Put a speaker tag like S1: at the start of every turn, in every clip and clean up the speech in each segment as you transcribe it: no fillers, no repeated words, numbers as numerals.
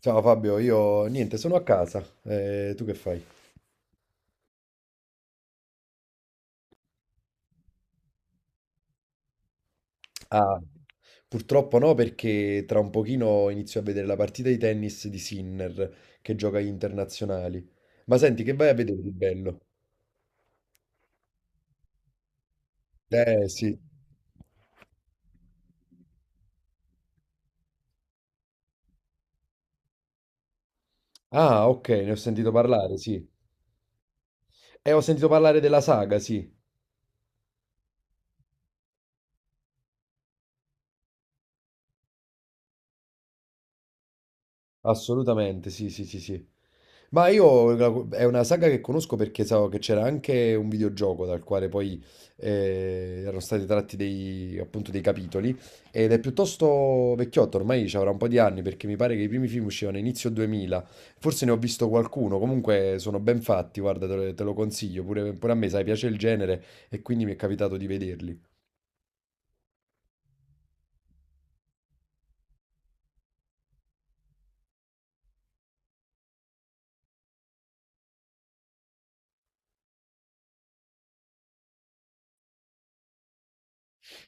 S1: Ciao Fabio, io niente, sono a casa. Tu che fai? Ah, purtroppo no, perché tra un pochino inizio a vedere la partita di tennis di Sinner che gioca agli internazionali. Ma senti, che vai a vedere di bello? Eh sì. Ah, ok, ne ho sentito parlare, sì. E ho sentito parlare della saga, sì. Assolutamente, sì, sì, sì, sì. Ma è una saga che conosco perché so che c'era anche un videogioco dal quale poi erano stati tratti dei, appunto dei capitoli, ed è piuttosto vecchiotto, ormai ci avrà un po' di anni perché mi pare che i primi film uscivano inizio 2000. Forse ne ho visto qualcuno, comunque sono ben fatti, guarda, te lo consiglio, pure a me, sai, piace il genere e quindi mi è capitato di vederli.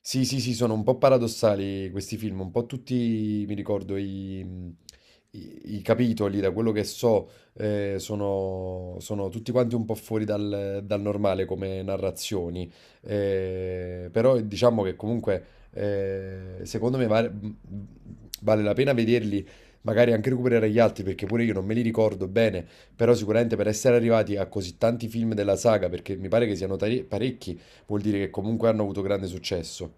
S1: Sì, sì, sì, sono un po' paradossali questi film, un po' tutti, mi ricordo, i capitoli, da quello che so, sono tutti quanti un po' fuori dal normale come narrazioni. Però Diciamo che comunque, secondo me, vale la pena vederli, magari anche recuperare gli altri, perché pure io non me li ricordo bene, però sicuramente per essere arrivati a così tanti film della saga, perché mi pare che parecchi, vuol dire che comunque hanno avuto grande successo.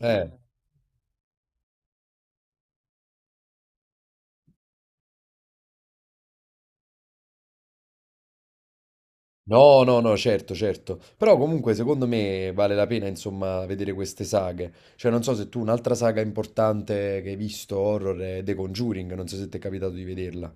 S1: Eh, no, no, no, certo, certo. Però comunque secondo me vale la pena, insomma, vedere queste saghe. Cioè, non so se tu un'altra saga importante che hai visto horror è The Conjuring, non so se ti è capitato di vederla.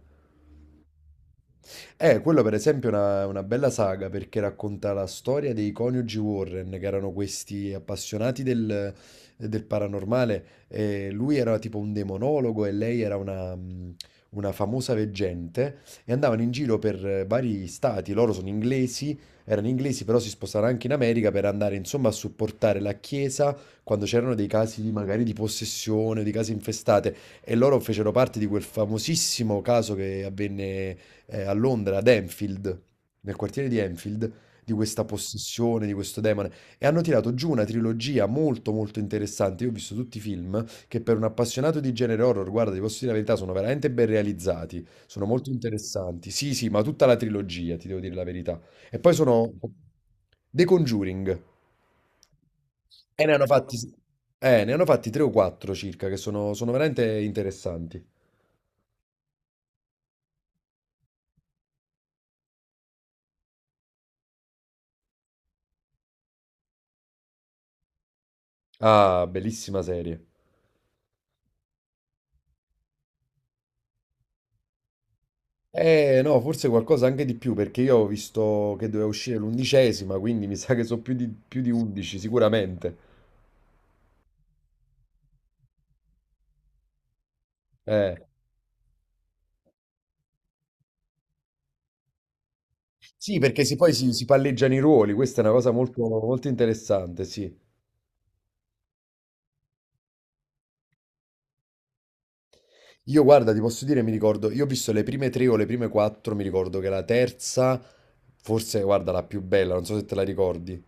S1: Quello per esempio è una bella saga perché racconta la storia dei coniugi Warren, che erano questi appassionati del paranormale. E lui era tipo un demonologo e lei era una famosa veggente e andavano in giro per vari stati. Loro sono inglesi, erano inglesi, però si spostarono anche in America per andare insomma a supportare la chiesa quando c'erano dei magari di possessione, di case infestate. E loro fecero parte di quel famosissimo caso che avvenne a Londra, ad Enfield, nel quartiere di Enfield, di questa possessione, di questo demone. E hanno tirato giù una trilogia molto molto interessante. Io ho visto tutti i film che, per un appassionato di genere horror, guarda, ti posso dire la verità, sono veramente ben realizzati, sono molto interessanti. Sì, sì, ma tutta la trilogia, ti devo dire la verità. E poi sono The Conjuring. E ne hanno fatti 3 o 4 circa, che sono veramente interessanti. Ah, bellissima serie. Eh no, forse qualcosa anche di più, perché io ho visto che doveva uscire l'undicesima, quindi mi sa che sono più di 11 sicuramente. Eh. Sì, perché si palleggiano i ruoli, questa è una cosa molto, molto interessante, sì. Io guarda, ti posso dire, mi ricordo, io ho visto le prime tre o le prime quattro, mi ricordo che la terza, forse guarda, la più bella, non so se te la ricordi.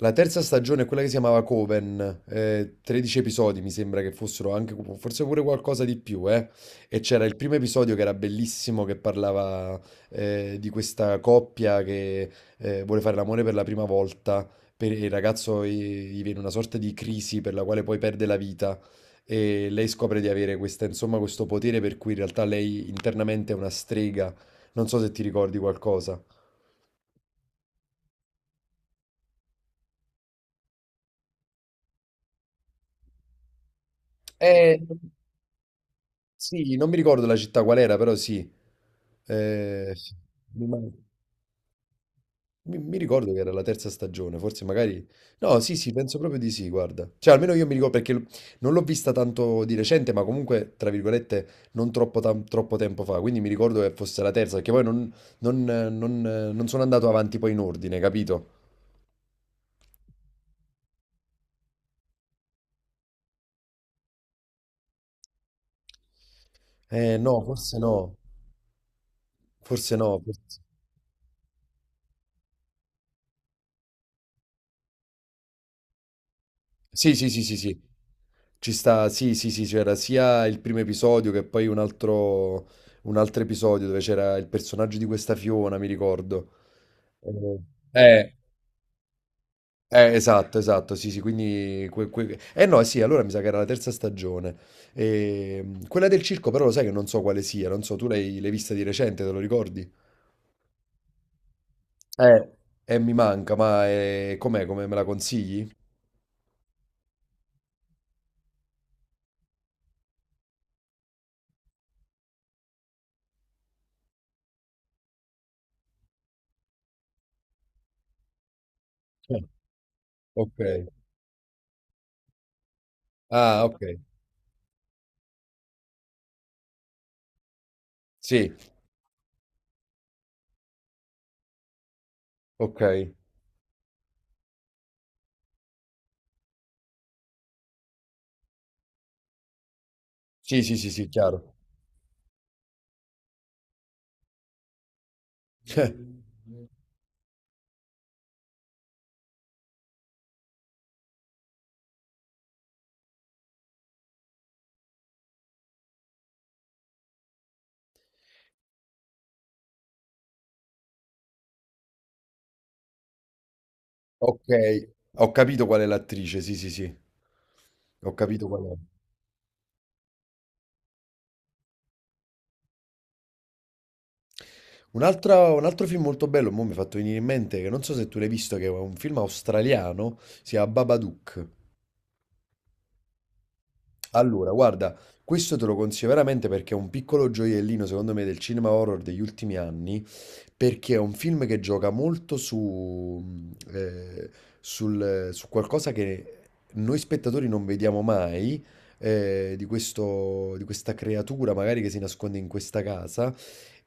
S1: La terza stagione è quella che si chiamava Coven, 13 episodi mi sembra che fossero anche, forse pure qualcosa di più, eh. E c'era il primo episodio che era bellissimo, che parlava di questa coppia che vuole fare l'amore per la prima volta, e il ragazzo gli viene una sorta di crisi per la quale poi perde la vita e lei scopre di avere questa, insomma, questo potere per cui in realtà lei internamente è una strega, non so se ti ricordi qualcosa. Eh, sì, non mi ricordo la città qual era, però sì. Sì. mi, ma- Mi ricordo che era la terza stagione, forse magari... No, sì, sì, penso proprio di sì, guarda. Cioè, almeno io mi ricordo non l'ho vista tanto di recente, ma comunque, tra virgolette, non troppo tempo fa. Quindi mi ricordo che fosse la terza, perché poi non sono andato avanti poi in ordine, capito? No, forse no. Forse no. Sì, sì, sì, sì, sì. Ci sta, sì, sì, sì, c'era sia il primo episodio che poi un altro episodio dove c'era il personaggio di questa Fiona, mi ricordo. Eh, Eh, esatto, esatto, sì, sì, quindi... Eh no, sì, allora mi sa che era la terza stagione. Quella del circo però lo sai che non so quale sia, non so, tu l'hai vista di recente, te lo ricordi? eh, mi manca, ma com'è? Come me la consigli? Eh, Ok. Ah, ok. Sì, ok. Sì, sì, sì, sì, chiaro. Okay, ho capito qual è l'attrice, sì, sì, sì. Ho capito qual è. Un altro film molto bello, mo' mi hai fatto venire in mente, che non so se tu l'hai visto, che è un film australiano, si chiama Babadook. Allora, guarda, questo te lo consiglio veramente perché è un piccolo gioiellino, secondo me, del cinema horror degli ultimi anni, perché è un film che gioca molto su qualcosa che noi spettatori non vediamo mai, di questa creatura magari che si nasconde in questa casa.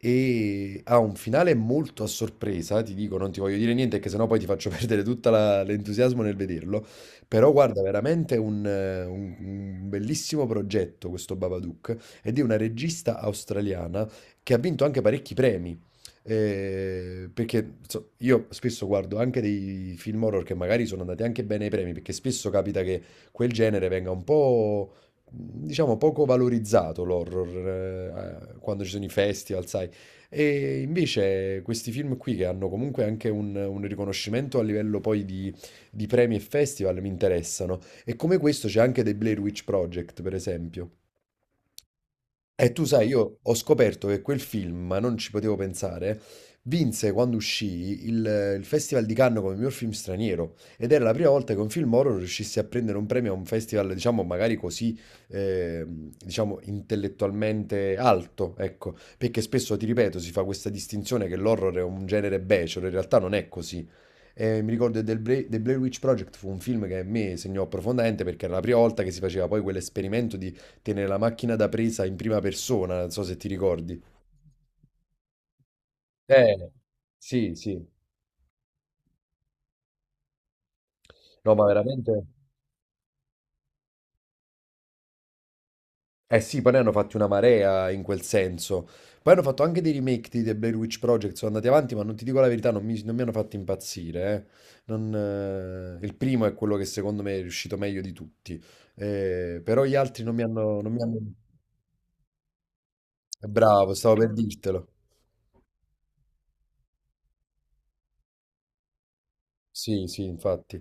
S1: E ha un finale molto a sorpresa, ti dico, non ti voglio dire niente, che sennò poi ti faccio perdere tutto l'entusiasmo nel vederlo. Però guarda, veramente un bellissimo progetto questo Babadook, ed è una regista australiana che ha vinto anche parecchi premi. Perché so, io spesso guardo anche dei film horror che magari sono andati anche bene ai premi, perché spesso capita che quel genere venga un po', diciamo, poco valorizzato l'horror, quando ci sono i festival, sai. E invece questi film qui che hanno comunque anche un riconoscimento a livello poi di premi e festival mi interessano. E come questo c'è anche The Blair Witch Project, per esempio. E tu sai, io ho scoperto che quel film, ma non ci potevo pensare, vinse quando il Festival di Cannes come miglior film straniero, ed era la prima volta che un film horror riuscisse a prendere un premio a un festival, diciamo, magari così, diciamo, intellettualmente alto, ecco, perché spesso, ti ripeto, si fa questa distinzione che l'horror è un genere becero, in realtà non è così. E mi ricordo The Blair Witch Project fu un film che a me segnò profondamente perché era la prima volta che si faceva poi quell'esperimento di tenere la macchina da presa in prima persona, non so se ti ricordi. Eh, sì, sì. No, ma veramente... Eh sì, poi ne hanno fatti una marea in quel senso. Poi hanno fatto anche dei remake di The Blair Witch Project, sono andati avanti, ma non ti dico la verità, non mi hanno fatto impazzire. Non, Il primo è quello che secondo me è riuscito meglio di tutti, però gli altri non mi hanno... Bravo, stavo per dirtelo. Sì, sì, infatti.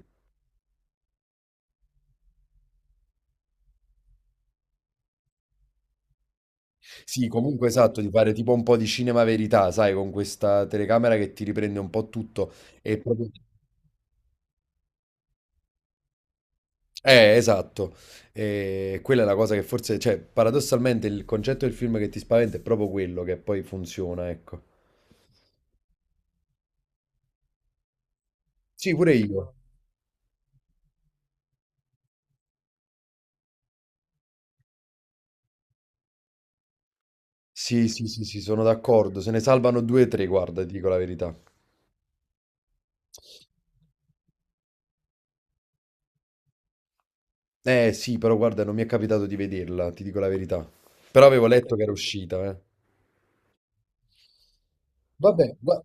S1: Sì, comunque esatto, di fare tipo un po' di cinema verità, sai, con questa telecamera che ti riprende un po' tutto. E proprio... esatto. E quella è la cosa che forse, cioè, paradossalmente il concetto del film che ti spaventa è proprio quello che poi funziona, ecco. Sì, pure io. Sì, sì, sì, sì, sono d'accordo. Se ne salvano 2 o 3, guarda, ti dico la verità. Sì, però guarda, non mi è capitato di vederla, ti dico la verità. Però avevo letto che era uscita, eh. Vabbè, va-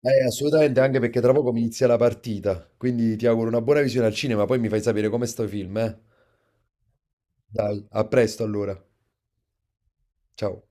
S1: eh, assolutamente, anche perché tra poco mi inizia la partita, quindi ti auguro una buona visione al cinema, poi mi fai sapere come sto i film, eh. Dai, a presto allora. Ciao.